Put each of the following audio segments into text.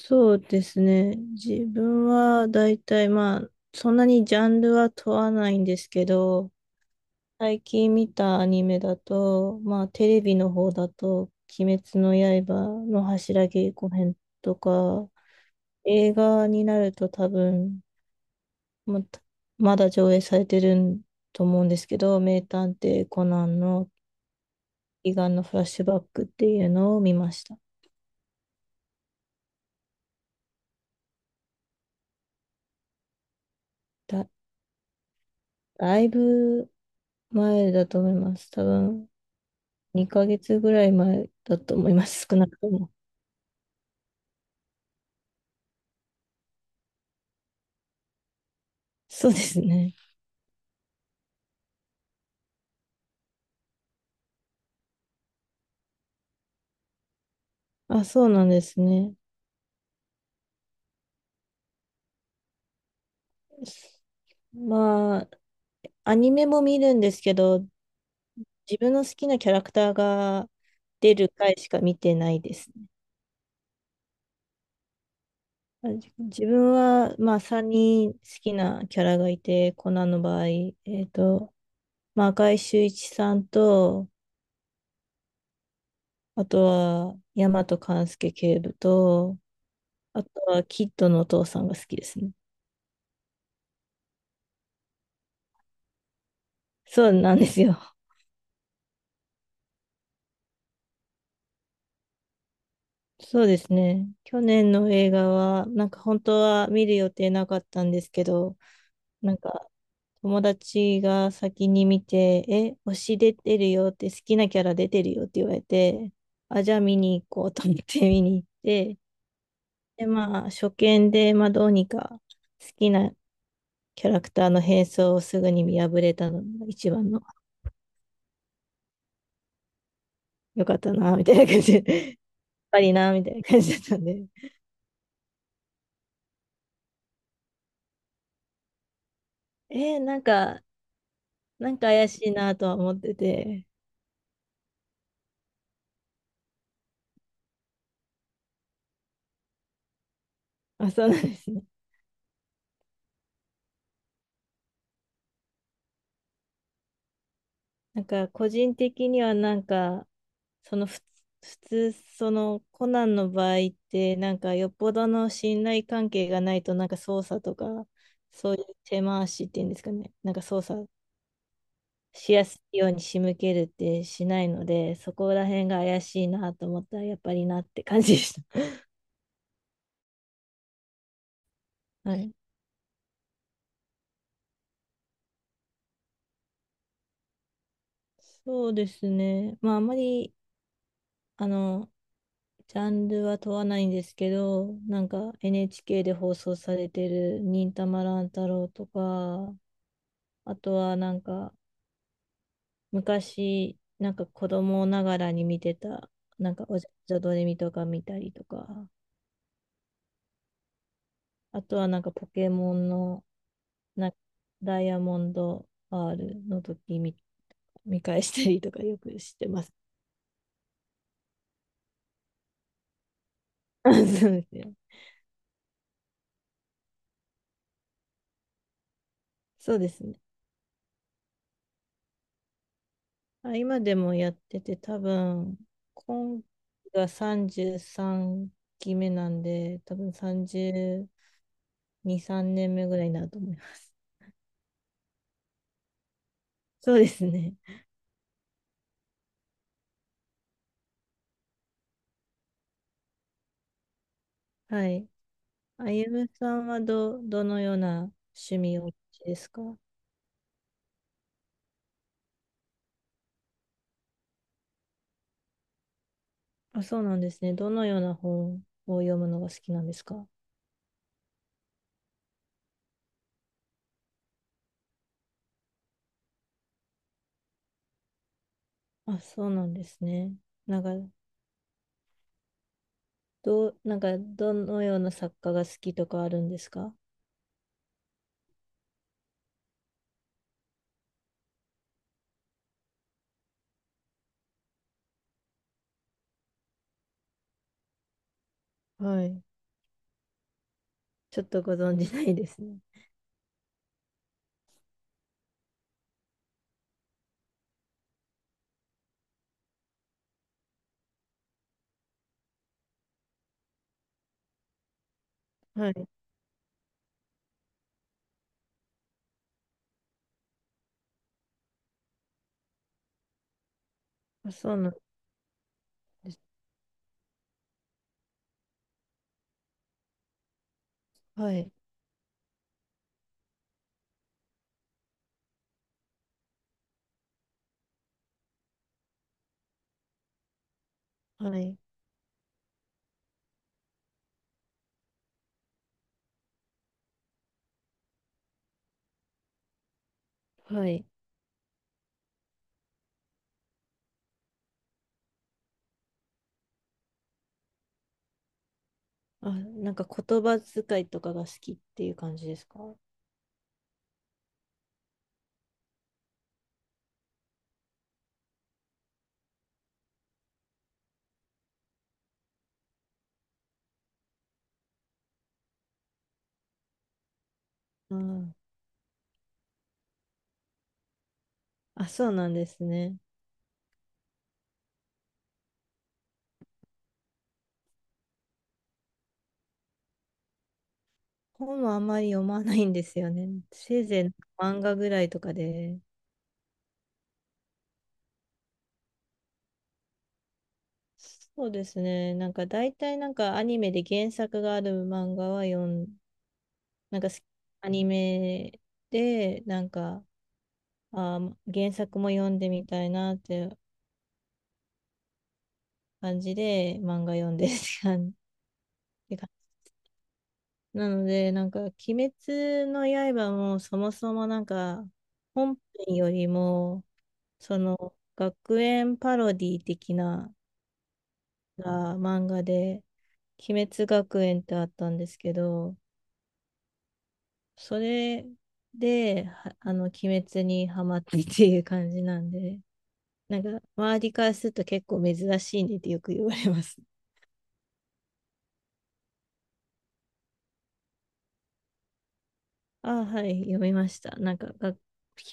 そうですね。自分は大体まあ、そんなにジャンルは問わないんですけど、最近見たアニメだと、まあテレビの方だと、鬼滅の刃の柱稽古編とか、映画になると多分、また、まだ上映されてると思うんですけど、名探偵コナンの悲願のフラッシュバックっていうのを見ました。だ、だいぶ前だと思います。多分2ヶ月ぐらい前だと思います、少なくとも。そうですね。あ、そうなんですね。まあ、アニメも見るんですけど、自分の好きなキャラクターが出る回しか見てないですね。自分は、まあ、さんに人好きなキャラがいて、コナンの場合、っと、まあ、赤井秀一さんと、あとは、大和勘介警部と、あとは、キッドのお父さんが好きですね。そうなんですよ。そうですね。去年の映画は、なんか本当は見る予定なかったんですけど、なんか友達が先に見て、え、推し出てるよって、好きなキャラ出てるよって言われて、あ、じゃあ見に行こうと思って見に行って、で、まあ初見で、まあどうにか好きなキャラクターの変装をすぐに見破れたのが一番の良かったな、みたいな感じで、やっぱりな、みたいな感じだったんで、なんか、なんか怪しいなとは思ってて、あ、そうなんですね。なんか個人的にはなんかそのふ普通そのコナンの場合ってなんかよっぽどの信頼関係がないとなんか捜査とか、そういう手回しっていうんですかね、なんか捜査しやすいように仕向けるってしないので、そこら辺が怪しいなと思ったらやっぱりなって感じでした。はい。そうですね。まああまりあのジャンルは問わないんですけど、なんか NHK で放送されてる忍たま乱太郎とか、あとはなんか昔、なんか子供ながらに見てた、なんかおじゃどれみとか見たりとか、あとはなんかポケモンのなんかダイヤモンド R の時見返したりとかよくしてます。そうですね。そうですね。あ、今でもやってて、多分、今期が33期目なんで、多分32、3年目ぐらいになると思います。そうですね。はい。あゆむさんはどのような趣味をお持ちですか？あ、そうなんですね。どのような本を読むのが好きなんですか？あ、そうなんですね。なんか、どのような作家が好きとかあるんですか？はい。ちょっとご存じないですね。はい。あ、そうなんです。はい、はい、はい。あ、なんか言葉遣いとかが好きっていう感じですか？うん。あ、そうなんですね。本はあんまり読まないんですよね。せいぜい漫画ぐらいとかで。そうですね。なんか大体なんかアニメで原作がある漫画は読ん、なんかすアニメでなんか、あー、原作も読んでみたいなって感じで漫画読んでるって感じなので、なんか、鬼滅の刃もそもそもなんか、本編よりも、その、学園パロディ的な漫画で、鬼滅学園ってあったんですけど、それで、はあの、鬼滅にハマってっていう感じなんで、なんか、周りからすると結構珍しいねってよく言われます。ああ、はい、読みました。なんか、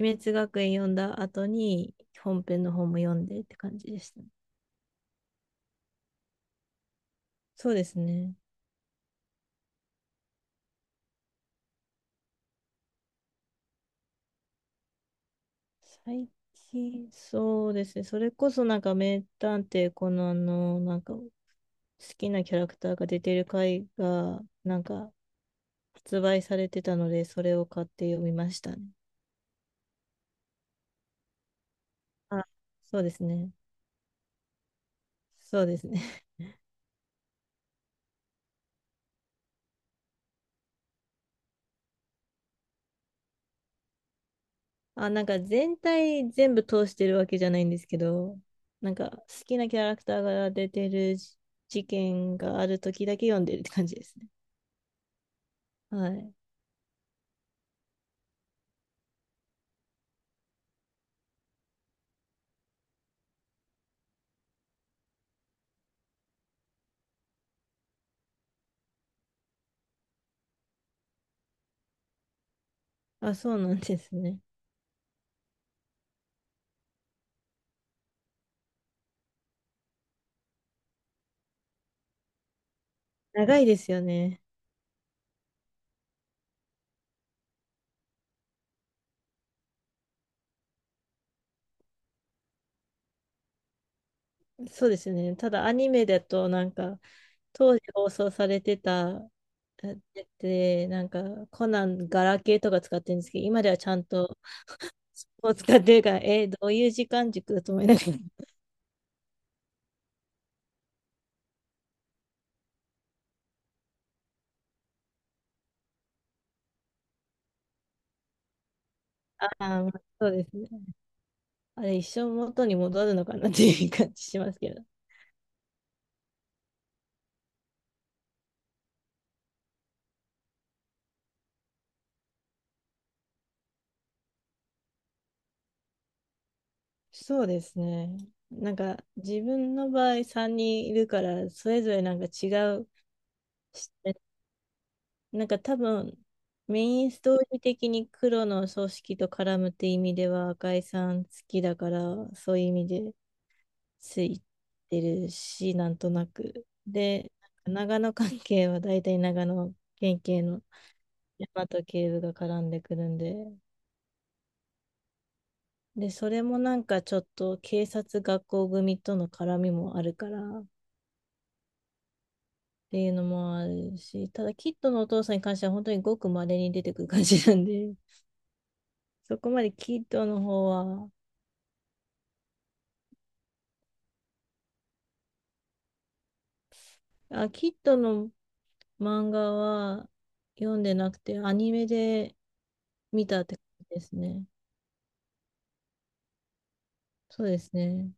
鬼滅学園読んだ後に、本編の方も読んでって感じでした。そうですね。最近、そうですね。それこそなんか名探偵コナンのなんか好きなキャラクターが出てる回がなんか発売されてたので、それを買って読みましたね。あ、そうですね。そうですね。あ、なんか全体全部通してるわけじゃないんですけど、なんか好きなキャラクターが出てる事件がある時だけ読んでるって感じですね。はい。あ、そうなんですね。長いですよね。そうですよね。ただアニメだとなんか当時放送されてたやつでなんかコナンガラケーとか使ってるんですけど、今ではちゃんともう使ってるから、どういう時間軸だと思いながら。あーまあそうですね、あれ一生元に戻るのかなっていう感じしますけど。そうですね、なんか自分の場合3人いるからそれぞれなんか違う視なんか多分、メインストーリー的に黒の組織と絡むって意味では赤井さん好きだから、そういう意味でついてるし、なんとなく。で、長野関係は大体長野県警の大和警部が絡んでくるんで、で、それもなんかちょっと警察学校組との絡みもあるからっていうのもあるし、ただキッドのお父さんに関しては本当にごく稀に出てくる感じなんで、そこまでキッドの方は、あ、キッドの漫画は読んでなくて、アニメで見たって感じですね。そうですね。